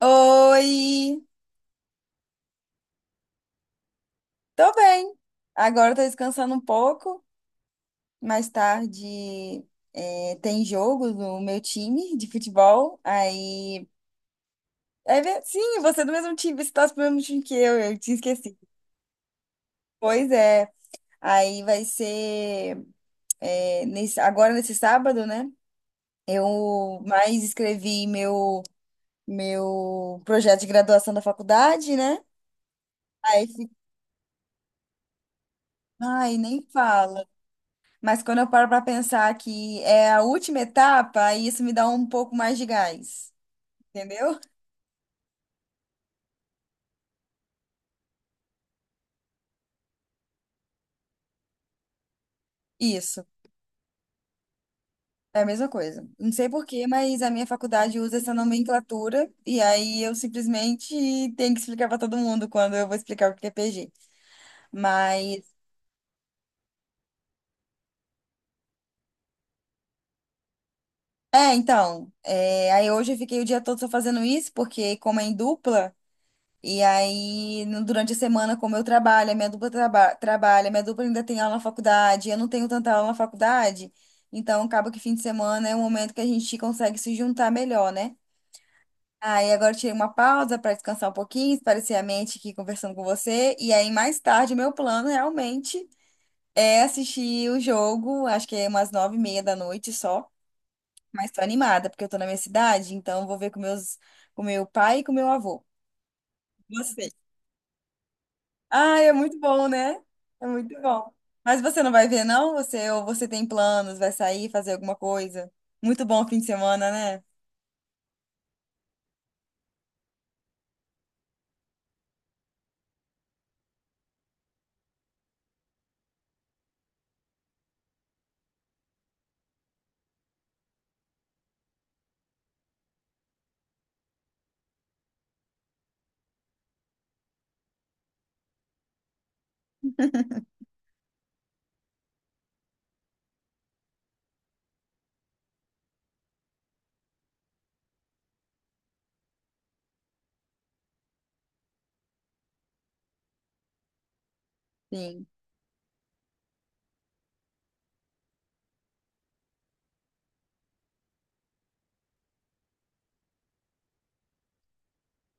Oi, tô bem. Agora tô descansando um pouco. Mais tarde tem jogo no meu time de futebol. Aí, sim, você é do mesmo time, você torce pro mesmo time que eu tinha esquecido. Pois é, aí vai ser agora nesse sábado, né? Eu mais escrevi meu projeto de graduação da faculdade, né? Aí, fi- Ai, nem fala. Mas quando eu paro para pensar que é a última etapa, aí isso me dá um pouco mais de gás, entendeu? Isso, é a mesma coisa. Não sei por quê, mas a minha faculdade usa essa nomenclatura e aí eu simplesmente tenho que explicar para todo mundo quando eu vou explicar o que é PG. Mas então, aí hoje eu fiquei o dia todo só fazendo isso, porque como é em dupla. E aí, durante a semana, como eu trabalho, a minha dupla trabalha, a minha dupla ainda tem aula na faculdade, eu não tenho tanta aula na faculdade, então acaba que fim de semana é um momento que a gente consegue se juntar melhor, né? Aí agora eu tirei uma pausa para descansar um pouquinho, esparecer a mente aqui conversando com você. E aí, mais tarde, meu plano realmente é assistir o jogo, acho que é umas nove e meia da noite só. Mas tô animada, porque eu tô na minha cidade, então eu vou ver com com meu pai e com meu avô. Você? Ah, é muito bom, né? É muito bom. Mas você não vai ver, não? Você tem planos, vai sair, fazer alguma coisa? Muito bom fim de semana, né? Sim.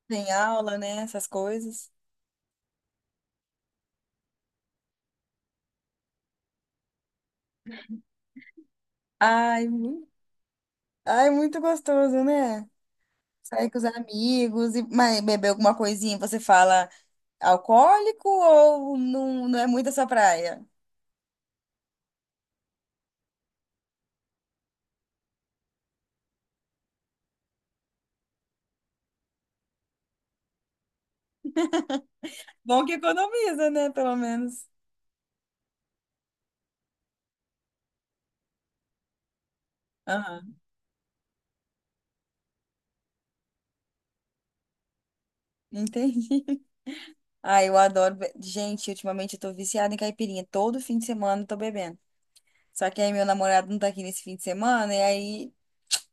Tem aula, né? Essas coisas. Ai, mu- Ai, muito gostoso, né? Sair com os amigos e mas beber alguma coisinha, você fala alcoólico ou não, não é muito a sua praia? Bom que economiza, né? Pelo menos. Aham, entendi. Ai, eu adoro. Be- Gente, ultimamente eu tô viciada em caipirinha. Todo fim de semana eu tô bebendo. Só que aí meu namorado não tá aqui nesse fim de semana, e aí,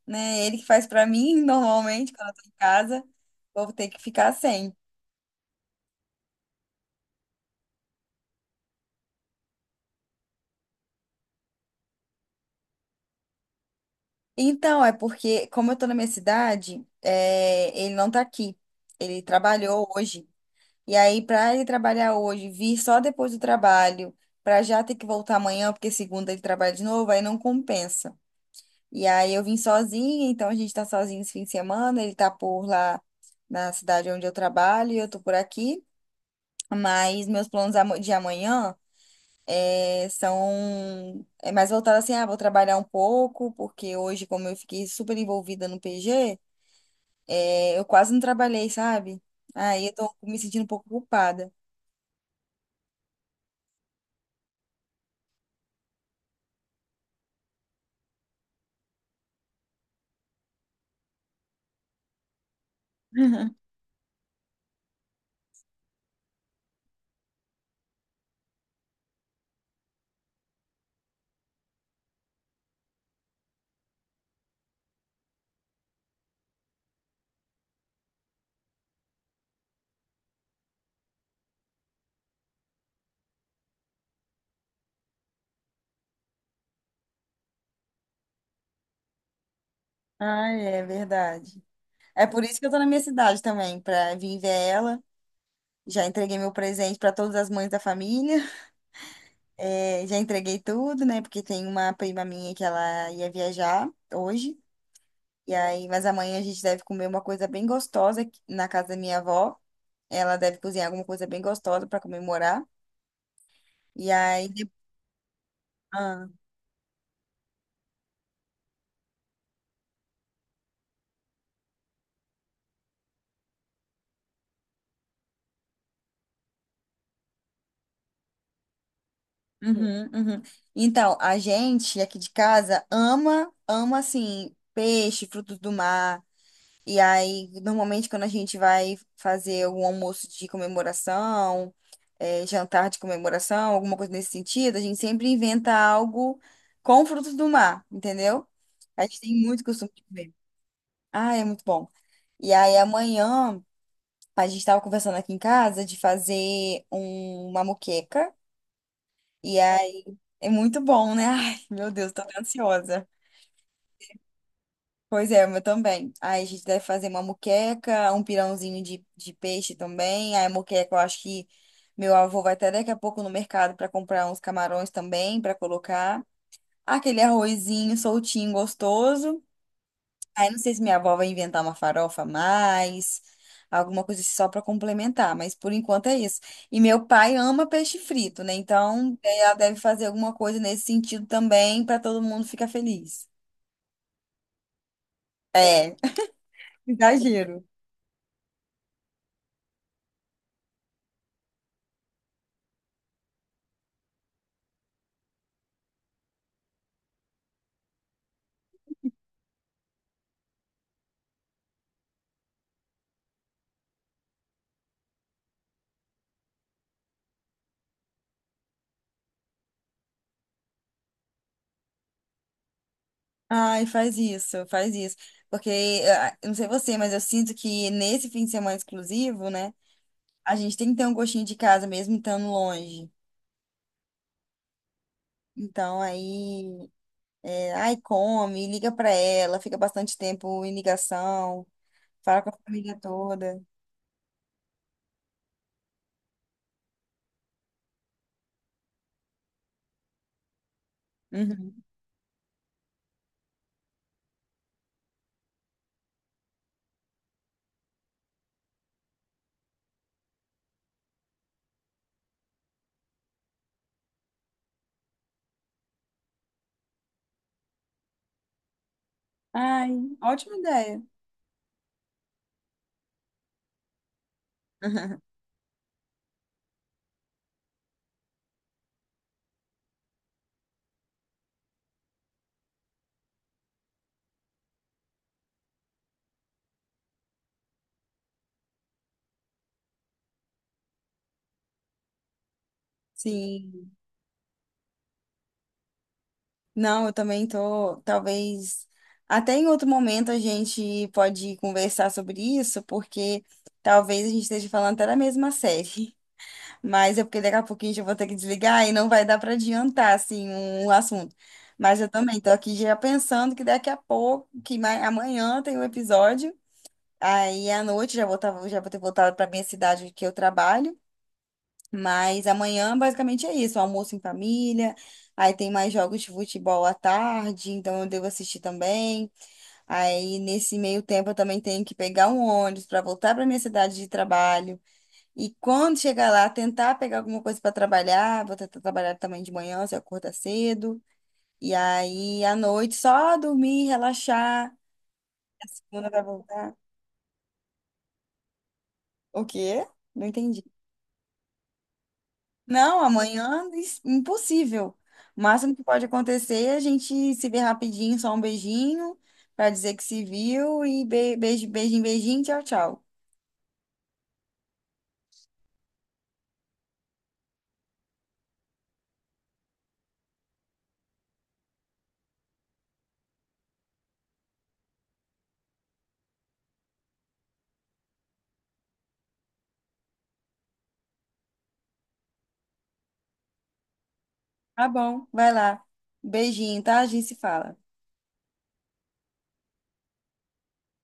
né, ele que faz pra mim normalmente quando eu tô em casa, vou ter que ficar sem. Então, é porque, como eu tô na minha cidade, é, ele não tá aqui. Ele trabalhou hoje. E aí, pra ele trabalhar hoje, vir só depois do trabalho, pra já ter que voltar amanhã, porque segunda ele trabalha de novo, aí não compensa. E aí eu vim sozinha, então a gente tá sozinho esse fim de semana, ele tá por lá na cidade onde eu trabalho e eu tô por aqui. Mas meus de amanhã são mais voltado assim, ah, vou trabalhar um pouco, porque hoje, como eu fiquei super envolvida no PG, eu quase não trabalhei, sabe? Aí eu tô me sentindo um pouco culpada. Ah, é verdade. É por isso que eu tô na minha cidade também, pra vir ver ela. Já entreguei meu presente pra todas as mães da família. Já entreguei tudo, né? Porque tem uma prima minha que ela ia viajar hoje. E aí, mas amanhã a gente deve comer uma coisa bem gostosa na casa da minha avó. Ela deve cozinhar alguma coisa bem gostosa para comemorar. E aí, de- ah, uhum, uhum. Então, a gente aqui de casa ama, ama assim, peixe, frutos do mar. E aí, normalmente, quando a gente vai fazer um almoço de comemoração, jantar de comemoração, alguma coisa nesse sentido, a gente sempre inventa algo com frutos do mar, entendeu? A gente tem muito costume de comer. Ah, é muito bom. E aí amanhã a gente tava conversando aqui em casa de fazer uma moqueca. E aí é muito bom, né? Ai, meu Deus, tô até ansiosa. Pois é, o meu também. Aí a gente deve fazer uma moqueca, um pirãozinho de peixe também. Aí a moqueca, eu acho que meu avô vai até daqui a pouco no mercado para comprar uns camarões também, para colocar. Aquele arrozinho soltinho, gostoso. Aí não sei se minha avó vai inventar uma farofa a mais, alguma coisa assim, só para complementar, mas por enquanto é isso. E meu pai ama peixe frito, né? Então é, ela deve fazer alguma coisa nesse sentido também para todo mundo ficar feliz. É, exagero. Ai, faz isso, faz isso. Porque, ah, eu não sei você, mas eu sinto que nesse fim de semana exclusivo, né? A gente tem que ter um gostinho de casa mesmo estando longe. Então aí. É, aí come, liga pra ela, fica bastante tempo em ligação, fala com a família toda. Uhum. Ai, ótima ideia. Sim. Não, eu também tô, talvez até em outro momento a gente pode conversar sobre isso, porque talvez a gente esteja falando até da mesma série. Mas é porque daqui a pouquinho eu vou ter que desligar e não vai dar para adiantar assim um assunto. Mas eu também tô aqui já pensando que daqui a pouco, amanhã tem um episódio. Aí à noite já vou ter voltado para minha cidade que eu trabalho. Mas amanhã basicamente é isso, almoço em família. Aí tem mais jogos de futebol à tarde, então eu devo assistir também. Aí nesse meio tempo eu também tenho que pegar um ônibus para voltar para minha cidade de trabalho. E quando chegar lá, tentar pegar alguma coisa para trabalhar. Vou tentar trabalhar também de manhã, se eu acordar cedo. E aí à noite só dormir, relaxar. A segunda vai voltar. O quê? Não entendi. Não, amanhã é impossível. O máximo que pode acontecer é a gente se ver rapidinho, só um beijinho, pra dizer que se viu e beijo, beijinho, beijinho, tchau, tchau. Tá bom, vai lá. Beijinho, tá? A gente se fala.